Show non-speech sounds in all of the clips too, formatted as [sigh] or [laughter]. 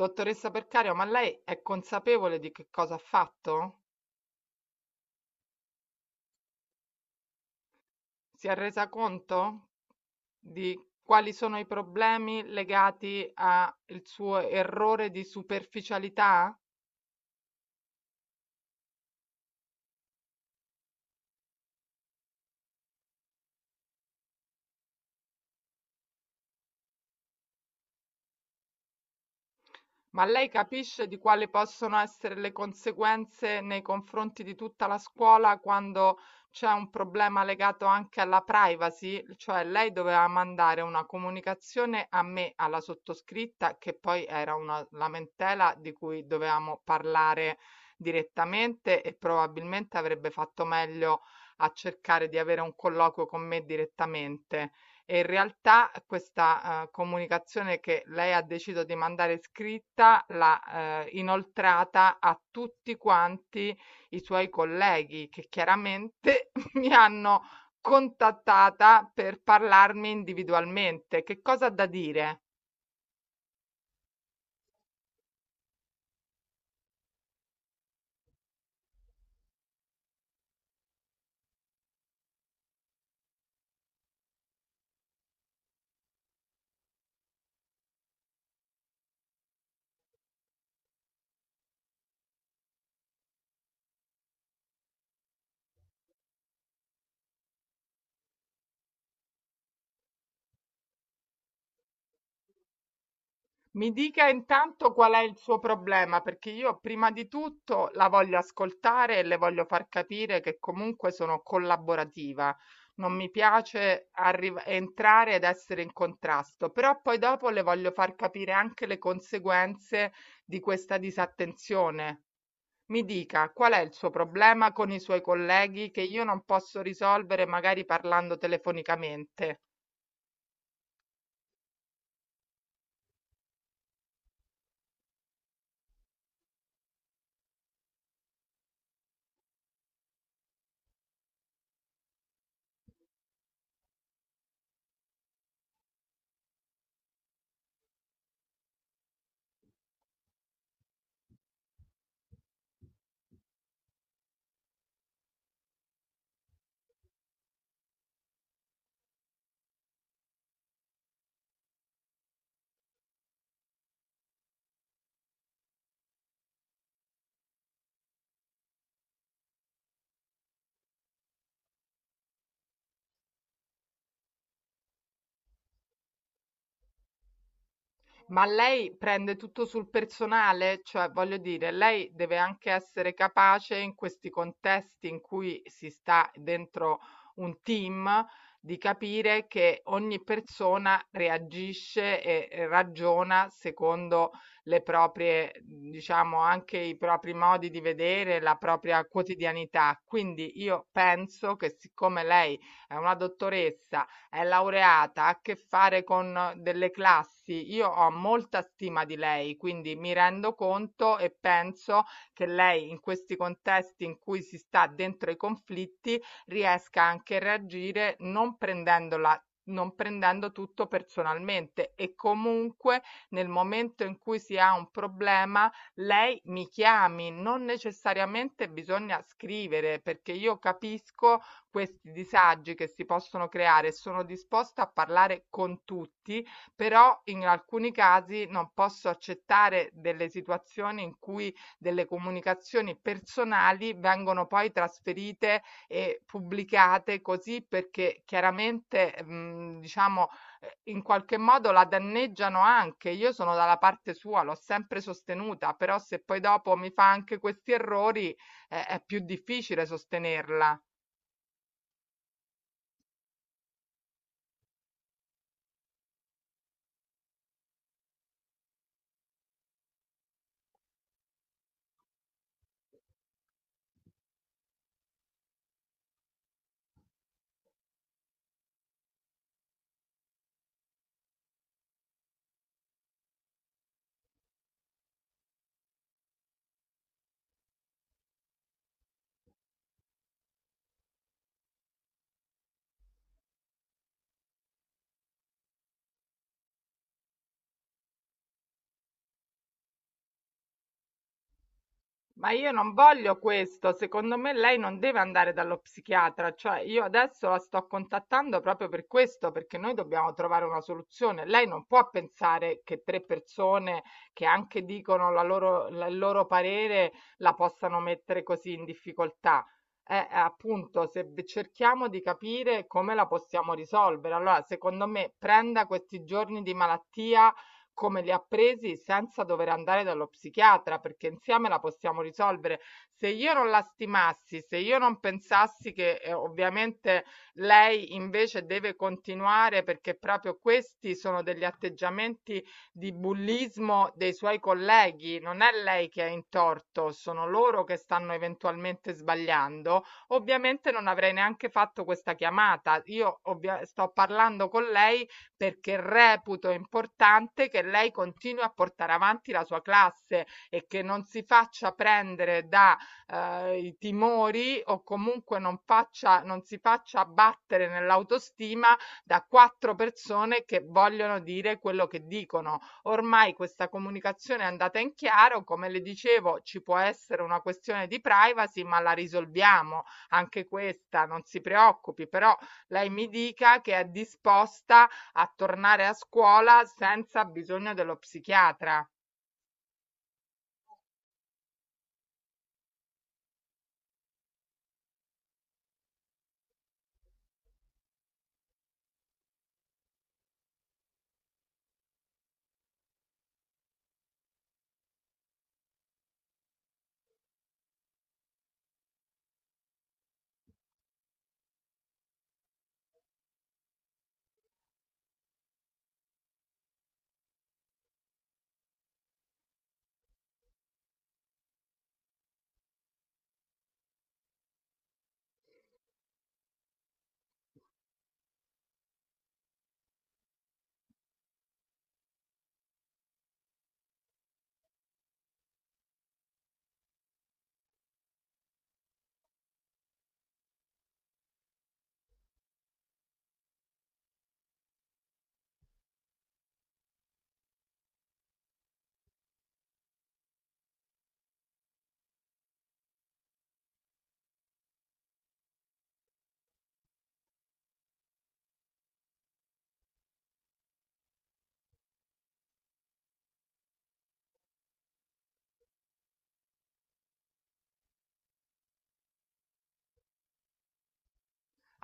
Dottoressa Percario, ma lei è consapevole di che cosa ha fatto? Si è resa conto di quali sono i problemi legati al suo errore di superficialità? Ma lei capisce di quali possono essere le conseguenze nei confronti di tutta la scuola quando c'è un problema legato anche alla privacy? Cioè lei doveva mandare una comunicazione a me, alla sottoscritta, che poi era una lamentela di cui dovevamo parlare direttamente e probabilmente avrebbe fatto meglio a cercare di avere un colloquio con me direttamente. E in realtà questa, comunicazione che lei ha deciso di mandare scritta l'ha inoltrata a tutti quanti i suoi colleghi, che chiaramente [laughs] mi hanno contattata per parlarmi individualmente. Che cosa ha da dire? Mi dica intanto qual è il suo problema, perché io prima di tutto la voglio ascoltare e le voglio far capire che comunque sono collaborativa. Non mi piace entrare ed essere in contrasto, però poi dopo le voglio far capire anche le conseguenze di questa disattenzione. Mi dica qual è il suo problema con i suoi colleghi che io non posso risolvere magari parlando telefonicamente. Ma lei prende tutto sul personale? Cioè, voglio dire, lei deve anche essere capace in questi contesti in cui si sta dentro un team di capire che ogni persona reagisce e ragiona secondo le proprie, diciamo, anche i propri modi di vedere, la propria quotidianità. Quindi io penso che siccome lei è una dottoressa è laureata, ha a che fare con delle classi. Io ho molta stima di lei, quindi mi rendo conto e penso che lei in questi contesti in cui si sta dentro i conflitti riesca anche a reagire non prendendo tutto personalmente e comunque nel momento in cui si ha un problema lei mi chiami, non necessariamente bisogna scrivere perché io capisco questi disagi che si possono creare e sono disposta a parlare con tutti, però in alcuni casi non posso accettare delle situazioni in cui delle comunicazioni personali vengono poi trasferite e pubblicate così perché chiaramente, diciamo, in qualche modo la danneggiano anche. Io sono dalla parte sua, l'ho sempre sostenuta, però se poi dopo mi fa anche questi errori, è più difficile sostenerla. Ma io non voglio questo, secondo me lei non deve andare dallo psichiatra, cioè io adesso la sto contattando proprio per questo, perché noi dobbiamo trovare una soluzione. Lei non può pensare che tre persone che anche dicono il loro parere la possano mettere così in difficoltà. Appunto, se v- cerchiamo di capire come la possiamo risolvere, allora secondo me prenda questi giorni di malattia come li ha presi senza dover andare dallo psichiatra, perché insieme la possiamo risolvere. Se io non la stimassi, se io non pensassi che ovviamente lei invece deve continuare perché proprio questi sono degli atteggiamenti di bullismo dei suoi colleghi, non è lei che è in torto, sono loro che stanno eventualmente sbagliando, ovviamente non avrei neanche fatto questa chiamata. Sto parlando con lei perché reputo importante che lei continui a portare avanti la sua classe e che non si faccia prendere da i timori o comunque non si faccia abbattere nell'autostima da quattro persone che vogliono dire quello che dicono. Ormai questa comunicazione è andata in chiaro, come le dicevo, ci può essere una questione di privacy, ma la risolviamo anche questa, non si preoccupi, però lei mi dica che è disposta a tornare a scuola senza bisogno dello psichiatra.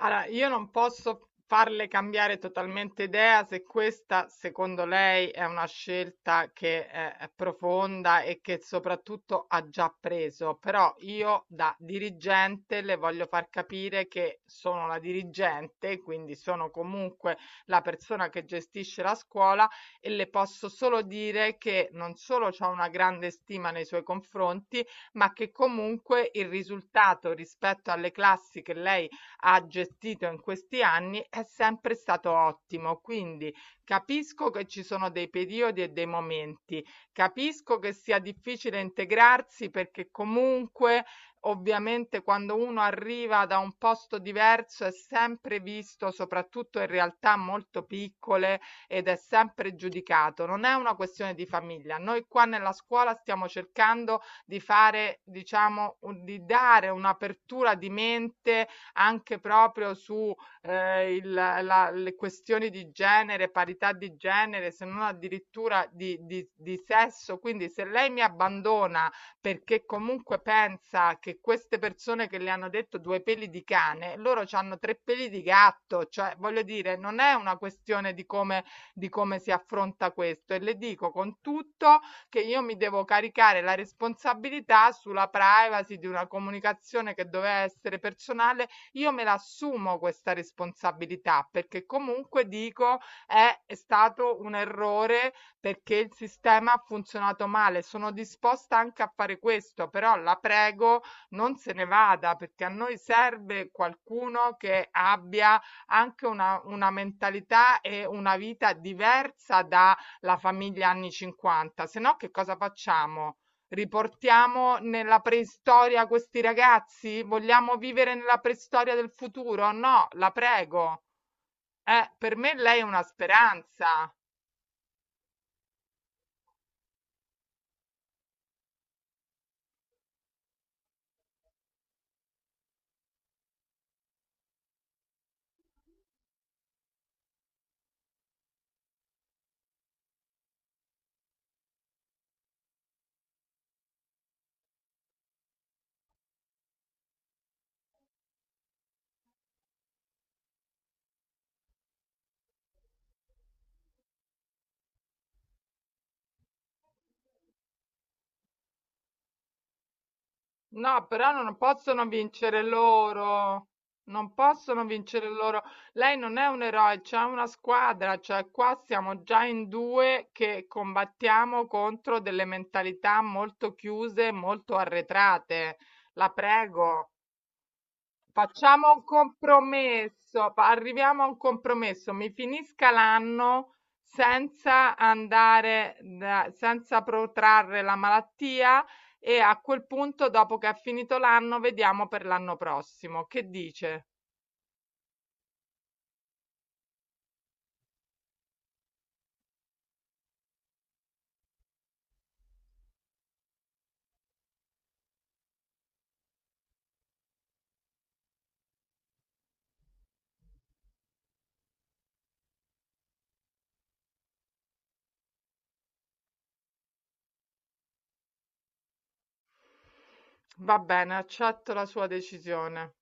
Allora, io non posso farle cambiare totalmente idea se questa, secondo lei, è una scelta che è profonda e che soprattutto ha già preso, però io da dirigente le voglio far capire che sono la dirigente, quindi sono comunque la persona che gestisce la scuola e le posso solo dire che non solo ho una grande stima nei suoi confronti, ma che comunque il risultato rispetto alle classi che lei ha gestito in questi anni è sempre stato ottimo. Quindi capisco che ci sono dei periodi e dei momenti, capisco che sia difficile integrarsi perché comunque ovviamente quando uno arriva da un posto diverso è sempre visto, soprattutto in realtà molto piccole, ed è sempre giudicato. Non è una questione di famiglia. Noi qua nella scuola stiamo cercando di fare, diciamo, di dare un'apertura di mente anche proprio su le questioni di genere, parità di genere, se non addirittura di, di sesso. Quindi se lei mi abbandona perché comunque pensa che queste persone che le hanno detto due peli di cane, loro hanno tre peli di gatto, cioè voglio dire, non è una questione di come si affronta questo e le dico con tutto che io mi devo caricare la responsabilità sulla privacy di una comunicazione che doveva essere personale io me la assumo questa responsabilità perché comunque dico è stato un errore perché il sistema ha funzionato male. Sono disposta anche a fare questo, però la prego non se ne vada perché a noi serve qualcuno che abbia anche una mentalità e una vita diversa dalla famiglia anni 50. Se no, che cosa facciamo? Riportiamo nella preistoria questi ragazzi? Vogliamo vivere nella preistoria del futuro? No, la prego. Per me lei è una speranza. No, però non possono vincere loro. Non possono vincere loro. Lei non è un eroe, c'è una squadra, cioè qua siamo già in due che combattiamo contro delle mentalità molto chiuse, molto arretrate. La prego. Facciamo un compromesso, arriviamo a un compromesso, mi finisca l'anno senza andare, senza protrarre la malattia e a quel punto, dopo che è finito l'anno, vediamo per l'anno prossimo. Che dice? Va bene, accetto la sua decisione.